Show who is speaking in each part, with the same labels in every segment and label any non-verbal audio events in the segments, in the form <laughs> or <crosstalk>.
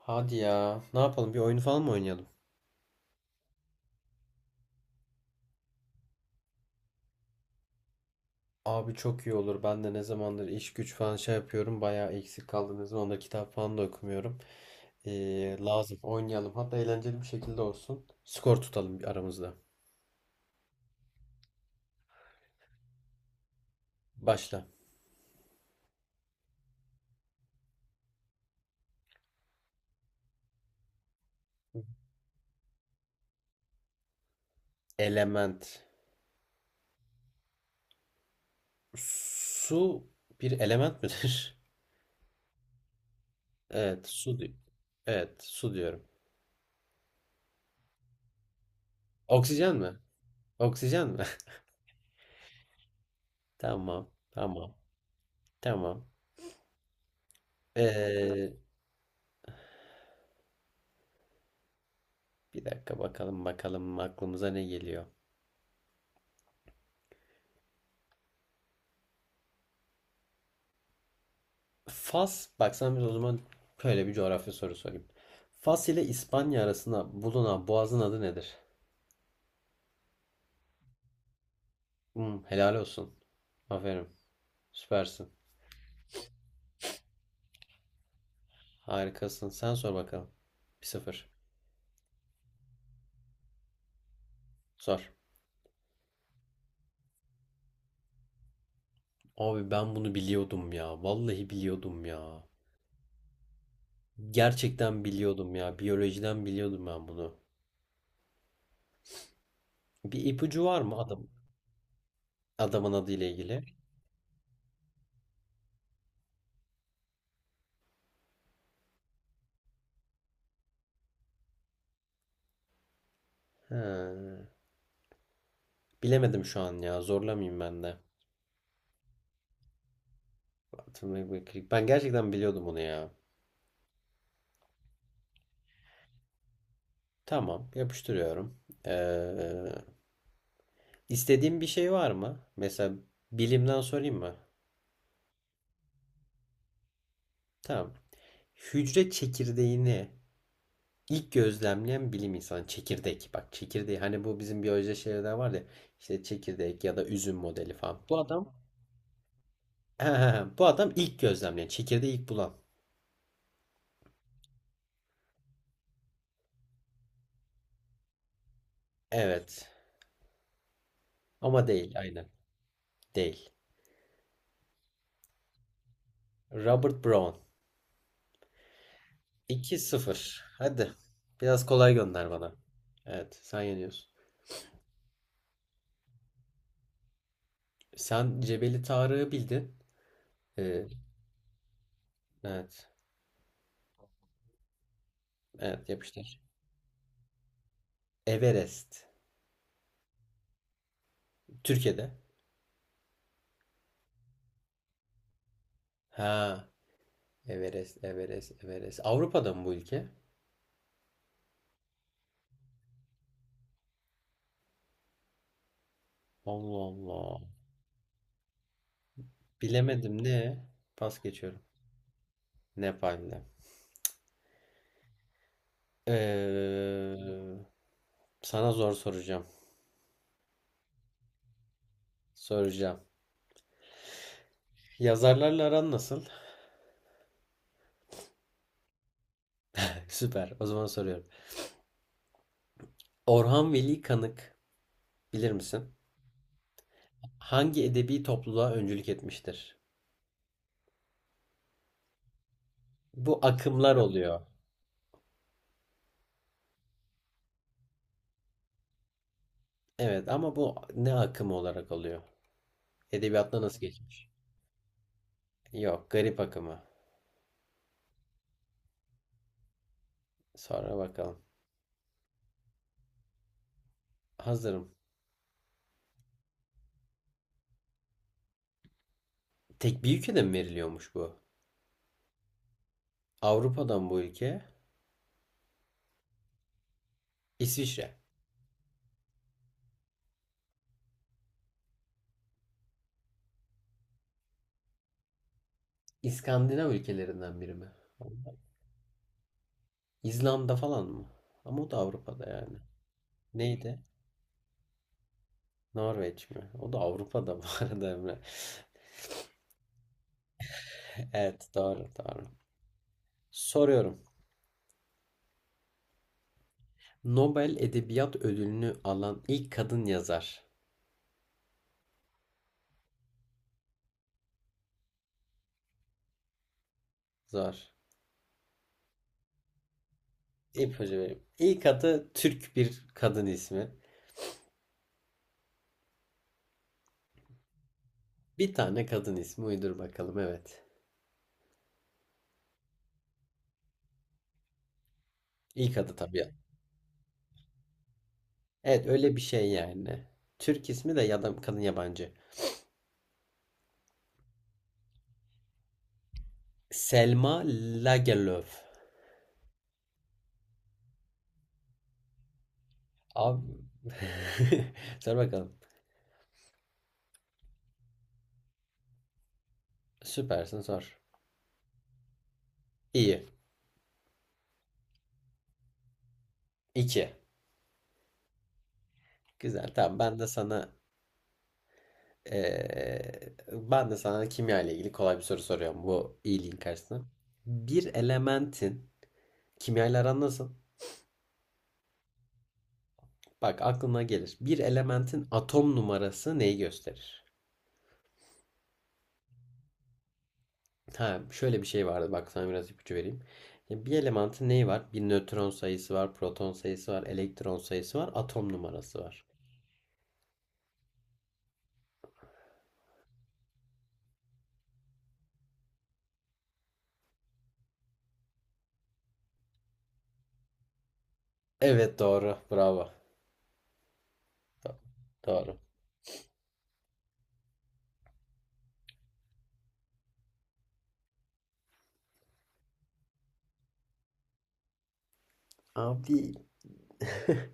Speaker 1: Hadi ya. Ne yapalım? Bir oyun falan mı oynayalım? Abi çok iyi olur. Ben de ne zamandır iş güç falan şey yapıyorum. Bayağı eksik kaldım. Ne zamandır kitap falan da okumuyorum. Lazım. Oynayalım. Hatta eğlenceli bir şekilde olsun. Skor tutalım bir aramızda. Başla. Element. Su bir element midir? <laughs> Evet. Su. Evet. Su diyorum. Oksijen mi? Oksijen mi? <laughs> Tamam. Tamam. Tamam. Ee, bir dakika bakalım bakalım aklımıza ne geliyor. Fas, bak sana bir o zaman böyle bir coğrafya soru sorayım. Fas ile İspanya arasında bulunan boğazın adı nedir? Helal olsun. Aferin. Süpersin. Harikasın. Sen sor bakalım. 1-0. Sor. Abi ben bunu biliyordum ya. Vallahi biliyordum ya. Gerçekten biliyordum ya. Biyolojiden biliyordum ben bunu. Bir ipucu var mı adamın adı ile ilgili? He. Bilemedim şu an ya. Zorlamayayım ben de. Ben gerçekten biliyordum bunu ya. Tamam, yapıştırıyorum. Ee, istediğin bir şey var mı? Mesela bilimden sorayım mı? Tamam. Hücre çekirdeğini ilk gözlemleyen bilim insanı çekirdek. Bak çekirdeği hani bu bizim biyoloji şeylerde var ya. İşte çekirdek ya da üzüm modeli falan. Bu adam <laughs> bu adam ilk gözlemleyen çekirdeği ilk bulan. Evet. Ama değil aynen. Değil. Robert Brown. 2 sıfır. Hadi. Biraz kolay gönder bana. Evet sen yeniyorsun. Sen Cebeli Tarık'ı bildin. Ee, evet. Evet yapıştır. Everest. Türkiye'de. Ha. Everest, Everest, Everest. Avrupa'da mı bu ülke? Allah Allah. Bilemedim ne? Pas geçiyorum. Nepal'de. Ee, sana zor soracağım. Soracağım. Yazarlarla aran nasıl? <laughs> Süper. O zaman soruyorum. Orhan Veli Kanık bilir misin? Hangi edebi topluluğa öncülük etmiştir? Bu akımlar oluyor. Evet ama bu ne akımı olarak oluyor? Edebiyatta nasıl geçmiş? Yok, garip akımı. Sonra bakalım. Hazırım. Tek bir ülkede mi veriliyormuş bu? Avrupa'dan bu ülke. İsviçre. İskandinav ülkelerinden biri mi? İzlanda falan mı? Ama o da Avrupa'da yani. Neydi? Norveç mi? O da Avrupa'da <laughs> bu arada Emre. <laughs> Evet, doğru, doğru. Soruyorum. Nobel Edebiyat Ödülünü alan ilk kadın yazar. Zor. İpucu vereyim. İlk adı Türk bir kadın ismi. Bir tane kadın ismi uydur bakalım evet. İlk adı tabii. Evet öyle bir şey yani. Türk ismi de ya da kadın yabancı. Selma Lagerlöf. Abi. <laughs> Sor bakalım. Süpersin sor. İyi. İki. Güzel, tamam. Ben de sana kimya ile ilgili kolay bir soru soruyorum bu iyiliğin karşısına. Bir elementin kimya ile aran nasıl? Bak aklına gelir. Bir elementin atom numarası neyi gösterir? Ha, şöyle bir şey vardı. Bak sana biraz ipucu vereyim. Ya, bir elementin neyi var? Bir nötron sayısı var, proton sayısı var, elektron sayısı var, atom numarası var. Evet doğru. Bravo. Doğru. Abi <laughs>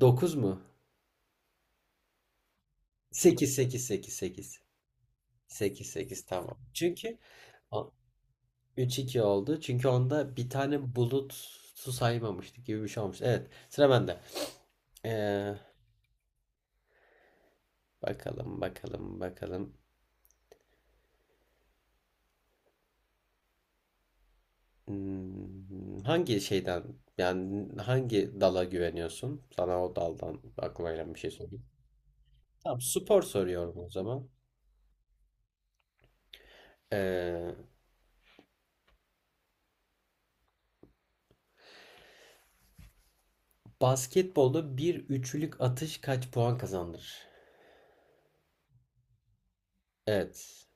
Speaker 1: 9 mu? Sekiz, sekiz, sekiz, sekiz, sekiz, sekiz, tamam. Çünkü 3-2 oldu. Çünkü onda bir tane bulut su saymamıştık gibi bir şey olmuş. Evet, sıra bende. Ee, Bakalım, bakalım, bakalım. Hangi şeyden yani hangi dala güveniyorsun? Sana o daldan aklıma gelen bir şey sorayım. Tamam, spor soruyorum o zaman. Ee, basketbolda bir üçlük atış kaç puan kazandırır? Evet.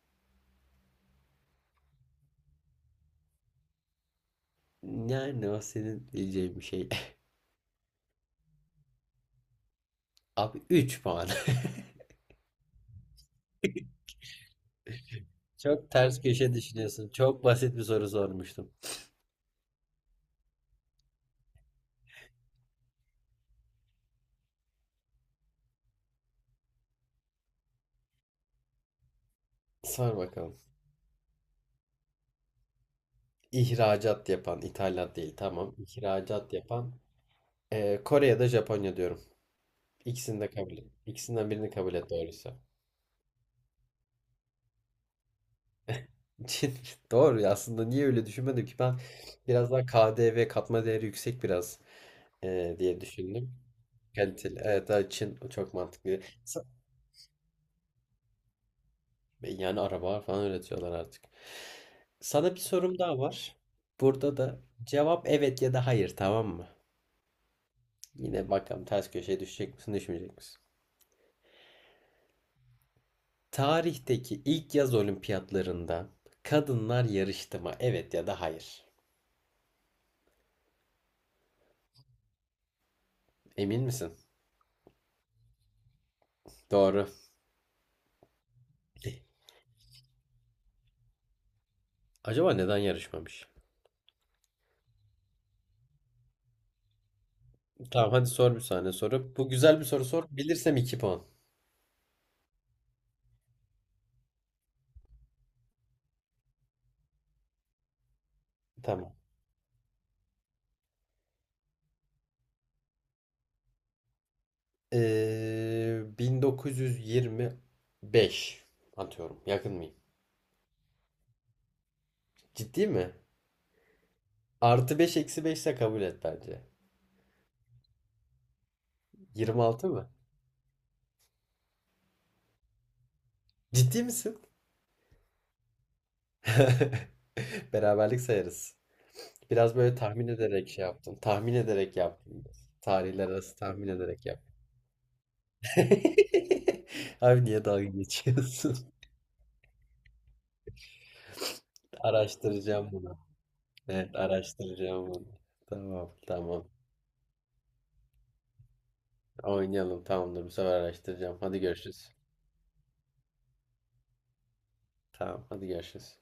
Speaker 1: Yani o senin diyeceğin bir şey. <laughs> Abi 3 puan. <laughs> Çok ters köşe düşünüyorsun. Çok basit bir soru sormuştum. Sor bakalım. İhracat yapan, ithalat değil tamam. İhracat yapan. Kore ya da Japonya diyorum. İkisini de kabul et. İkisinden birini kabul et doğruysa. <laughs> Doğru ya aslında niye öyle düşünmedim ki ben biraz daha KDV katma değeri yüksek biraz diye düşündüm. Kaliteli. Evet daha Çin çok mantıklı. Sa- Yani araba falan üretiyorlar artık. Sana bir sorum daha var. Burada da cevap evet ya da hayır, tamam mı? Yine bakalım ters köşeye düşecek misin düşmeyecek misin? Tarihteki ilk yaz olimpiyatlarında kadınlar yarıştı mı? Evet ya da hayır. Emin misin? Doğru. Acaba neden yarışmamış? Tamam, hadi sor bir saniye soru. Bu güzel bir soru sor. Bilirsem 2 puan. Tamam. 1925 atıyorum. Yakın mıyım? Ciddi mi? Artı 5 eksi 5 ise kabul et bence. 26 mı? Ciddi misin? <laughs> Beraberlik sayarız. Biraz böyle tahmin ederek şey yaptım. Tahmin ederek yaptım. Tarihler arası tahmin ederek yaptım. <laughs> Abi niye dalga geçiyorsun? <laughs> Araştıracağım bunu. Evet araştıracağım bunu. Tamam, tamam. Oynayalım, tamamdır, bu sefer araştıracağım. Hadi görüşürüz. Tamam, hadi görüşürüz.